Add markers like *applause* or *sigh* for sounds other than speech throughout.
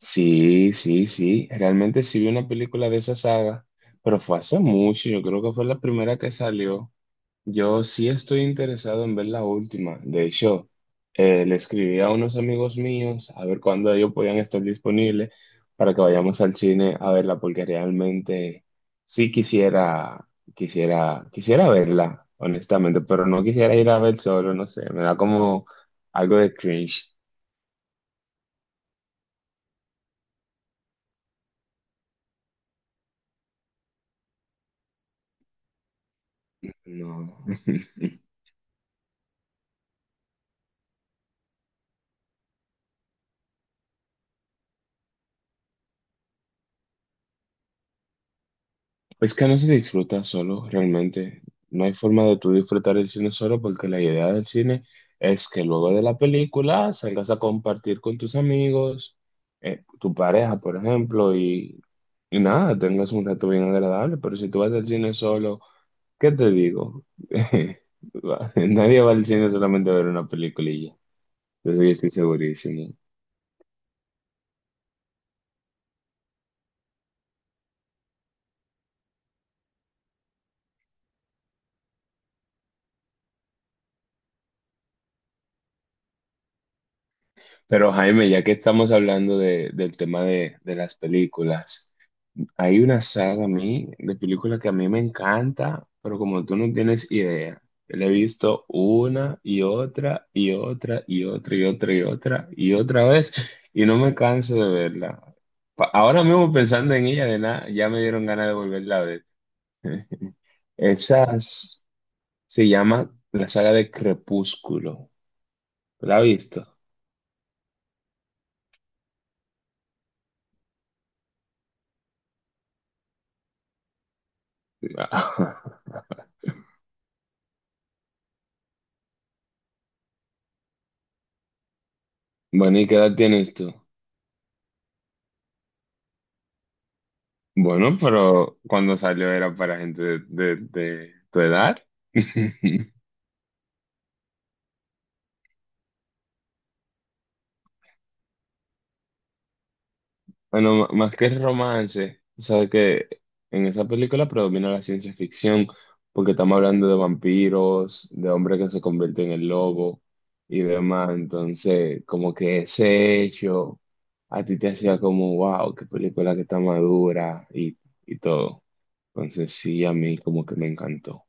Sí, sí, sí. Realmente sí vi una película de esa saga, pero fue hace mucho. Yo creo que fue la primera que salió. Yo sí estoy interesado en ver la última. De hecho, le escribí a unos amigos míos a ver cuándo ellos podían estar disponibles para que vayamos al cine a verla, porque realmente sí quisiera, quisiera, quisiera verla, honestamente, pero no quisiera ir a ver solo, no sé. Me da como algo de cringe. No. *laughs* Es que no se disfruta solo, realmente. No hay forma de tú disfrutar el cine solo porque la idea del cine es que luego de la película salgas a compartir con tus amigos, tu pareja, por ejemplo, y nada, tengas un rato bien agradable. Pero si tú vas al cine solo, ¿qué te digo? *laughs* Nadie va al cine solamente a ver una peliculilla. De eso yo estoy segurísimo. Pero Jaime, ya que estamos hablando del tema de las películas. Hay una saga a mí de película que a mí me encanta, pero como tú no tienes idea, la he visto una y otra y otra y otra y otra y otra y otra vez y no me canso de verla. Ahora mismo pensando en ella de nada, ya me dieron ganas de volverla a ver. Esa s- Se llama la saga de Crepúsculo. ¿La has visto? *laughs* Bueno, ¿y qué edad tienes tú? Bueno, pero cuando salió era para gente de tu edad. *laughs* Bueno, más que el romance, tú sabes que en esa película predomina la ciencia ficción, porque estamos hablando de vampiros, de hombres que se convierten en lobo y demás. Entonces, como que ese hecho a ti te hacía como, wow, qué película que está madura y todo. Entonces, sí, a mí como que me encantó.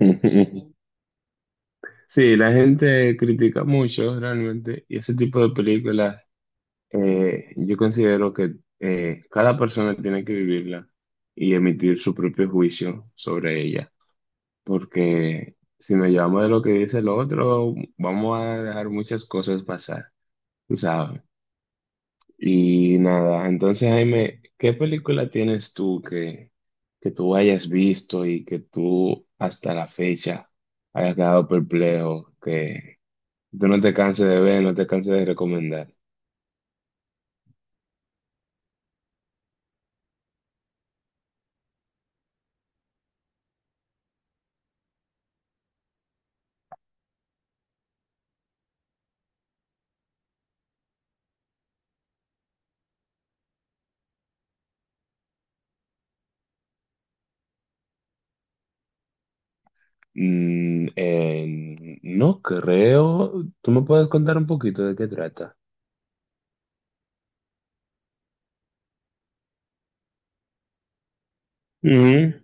*laughs* Sí, la gente critica mucho realmente y ese tipo de películas. Yo considero que cada persona tiene que vivirla y emitir su propio juicio sobre ella, porque si nos llevamos de lo que dice el otro, vamos a dejar muchas cosas pasar, tú ¿sabes? Y nada, entonces Jaime, ¿qué película tienes tú que tú hayas visto y que tú hasta la fecha hayas quedado perplejo, que tú no te canses de ver, no te canses de recomendar? No creo. ¿Tú me puedes contar un poquito de qué trata? Mm,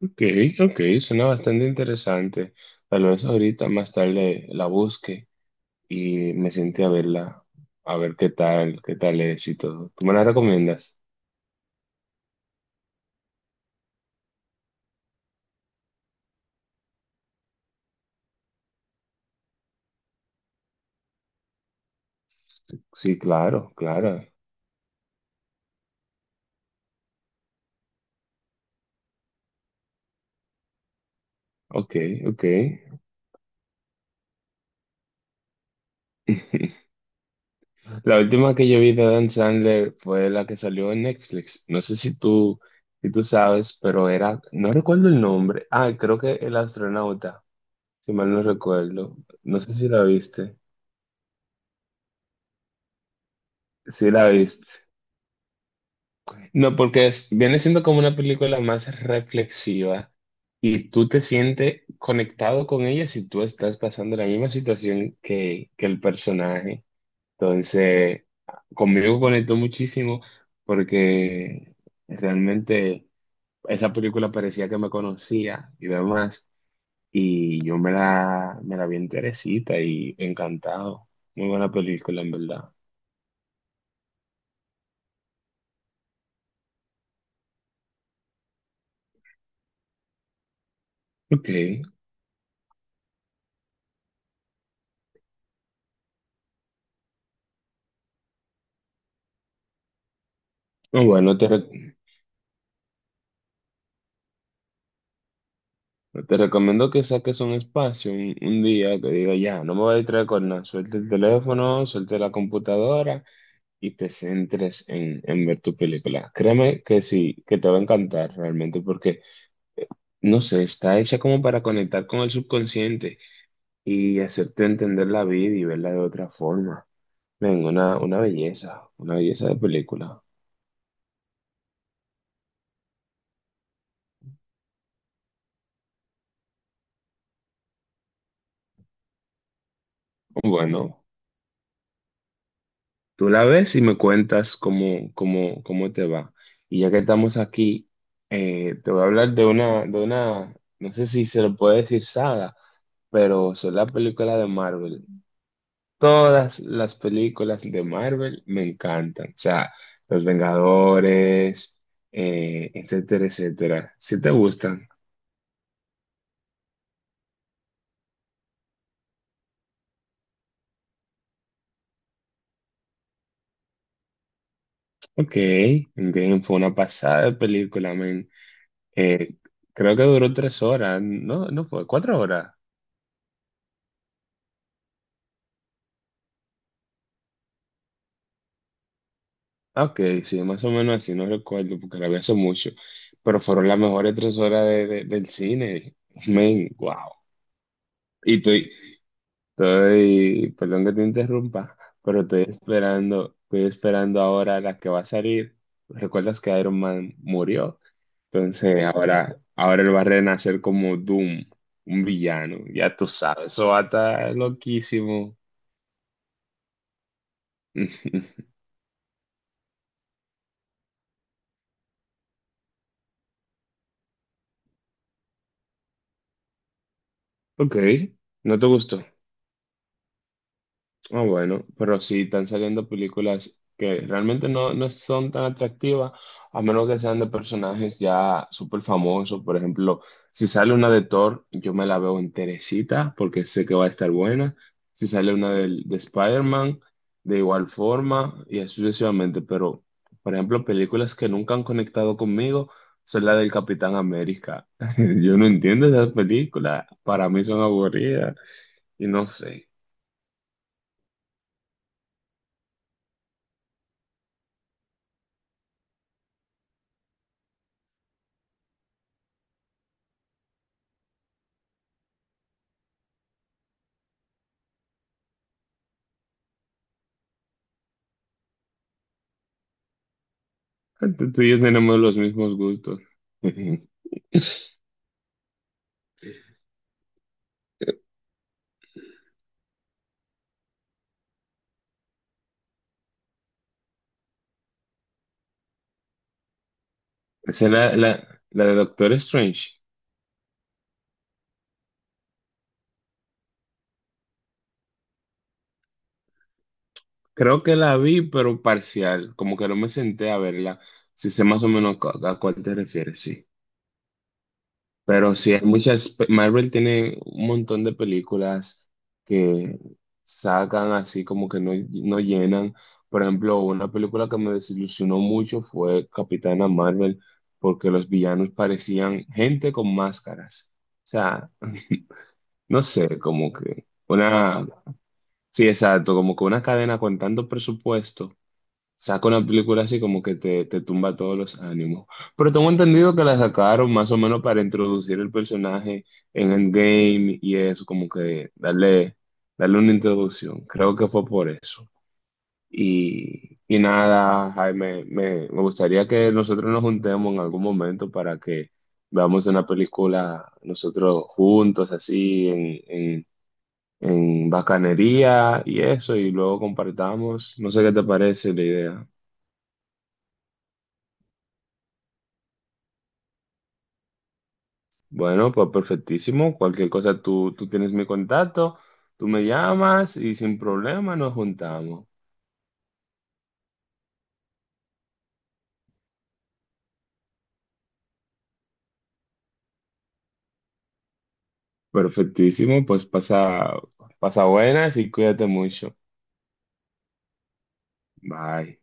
ok, ok, suena bastante interesante. Tal vez ahorita más tarde la busque y me siente a verla, a ver qué tal es y todo. ¿Tú me la recomiendas? Sí, claro, claro. Ok, ok. La última que yo vi de Adam Sandler fue la que salió en Netflix. No sé si tú sabes, pero era, no recuerdo el nombre. Ah, creo que El Astronauta, si mal no recuerdo. No sé si la viste. Sí la viste. No, porque viene siendo como una película más reflexiva y tú te sientes conectado con ella si tú estás pasando la misma situación que el personaje. Entonces, conmigo conectó muchísimo porque realmente esa película parecía que me conocía y demás. Y yo me la vi enterecita y encantado. Muy buena película, en verdad. Ok. No, bueno, te recomiendo que saques un espacio, un día que diga ya, no me voy a distraer con nada. Suelte el teléfono, suelte la computadora y te centres en ver tu película. Créeme que sí, que te va a encantar realmente porque no sé, está hecha como para conectar con el subconsciente y hacerte entender la vida y verla de otra forma. Venga, una belleza de película. Bueno, tú la ves y me cuentas cómo, cómo, cómo te va. Y ya que estamos aquí, te voy a hablar de una, no sé si se lo puede decir saga, pero son las películas de Marvel. Todas las películas de Marvel me encantan. O sea, Los Vengadores, etcétera, etcétera. Si te gustan. Ok, Endgame fue una pasada de película, men. Eh, Creo que duró 3 horas. No, no fue, 4 horas. Ah, ok, sí, más o menos así, no recuerdo porque la vi hace mucho. Pero fueron las mejores 3 horas del cine. Men, wow. ¿Y tú, Estoy, perdón que te interrumpa, pero estoy esperando ahora la que va a salir. ¿Recuerdas que Iron Man murió? Entonces ahora, ahora él va a renacer como Doom, un villano. Ya tú sabes, eso va a estar loquísimo. *laughs* Ok, ¿no te gustó? Ah, bueno, pero sí están saliendo películas que realmente no, no son tan atractivas, a menos que sean de personajes ya súper famosos. Por ejemplo, si sale una de Thor, yo me la veo enterecita porque sé que va a estar buena. Si sale una Spider-Man, de igual forma y así sucesivamente. Pero, por ejemplo, películas que nunca han conectado conmigo son la del Capitán América. *laughs* Yo no entiendo esas películas, para mí son aburridas y no sé. Tú tú y yo tenemos los mismos gustos. *laughs* Esa es la de Doctor Strange. Creo que la vi, pero parcial. Como que no me senté a verla. Si sé más o menos a cuál te refieres, sí. Pero sí, hay muchas. Marvel tiene un montón de películas que sacan así como que no, no llenan. Por ejemplo, una película que me desilusionó mucho fue Capitana Marvel, porque los villanos parecían gente con máscaras. O sea, no sé, como que una, sí, exacto, como que una cadena con tanto presupuesto saca una película así como que te tumba todos los ánimos. Pero tengo entendido que la sacaron más o menos para introducir el personaje en Endgame y eso, como que darle, darle una introducción. Creo que fue por eso. Y nada, Jaime, me gustaría que nosotros nos juntemos en algún momento para que veamos una película nosotros juntos, así, en, en bacanería y eso, y luego compartamos. No sé qué te parece la idea. Bueno, pues perfectísimo. Cualquier cosa, tú tienes mi contacto, tú me llamas y sin problema nos juntamos. Perfectísimo, pues pasa, pasa buenas y cuídate mucho. Bye.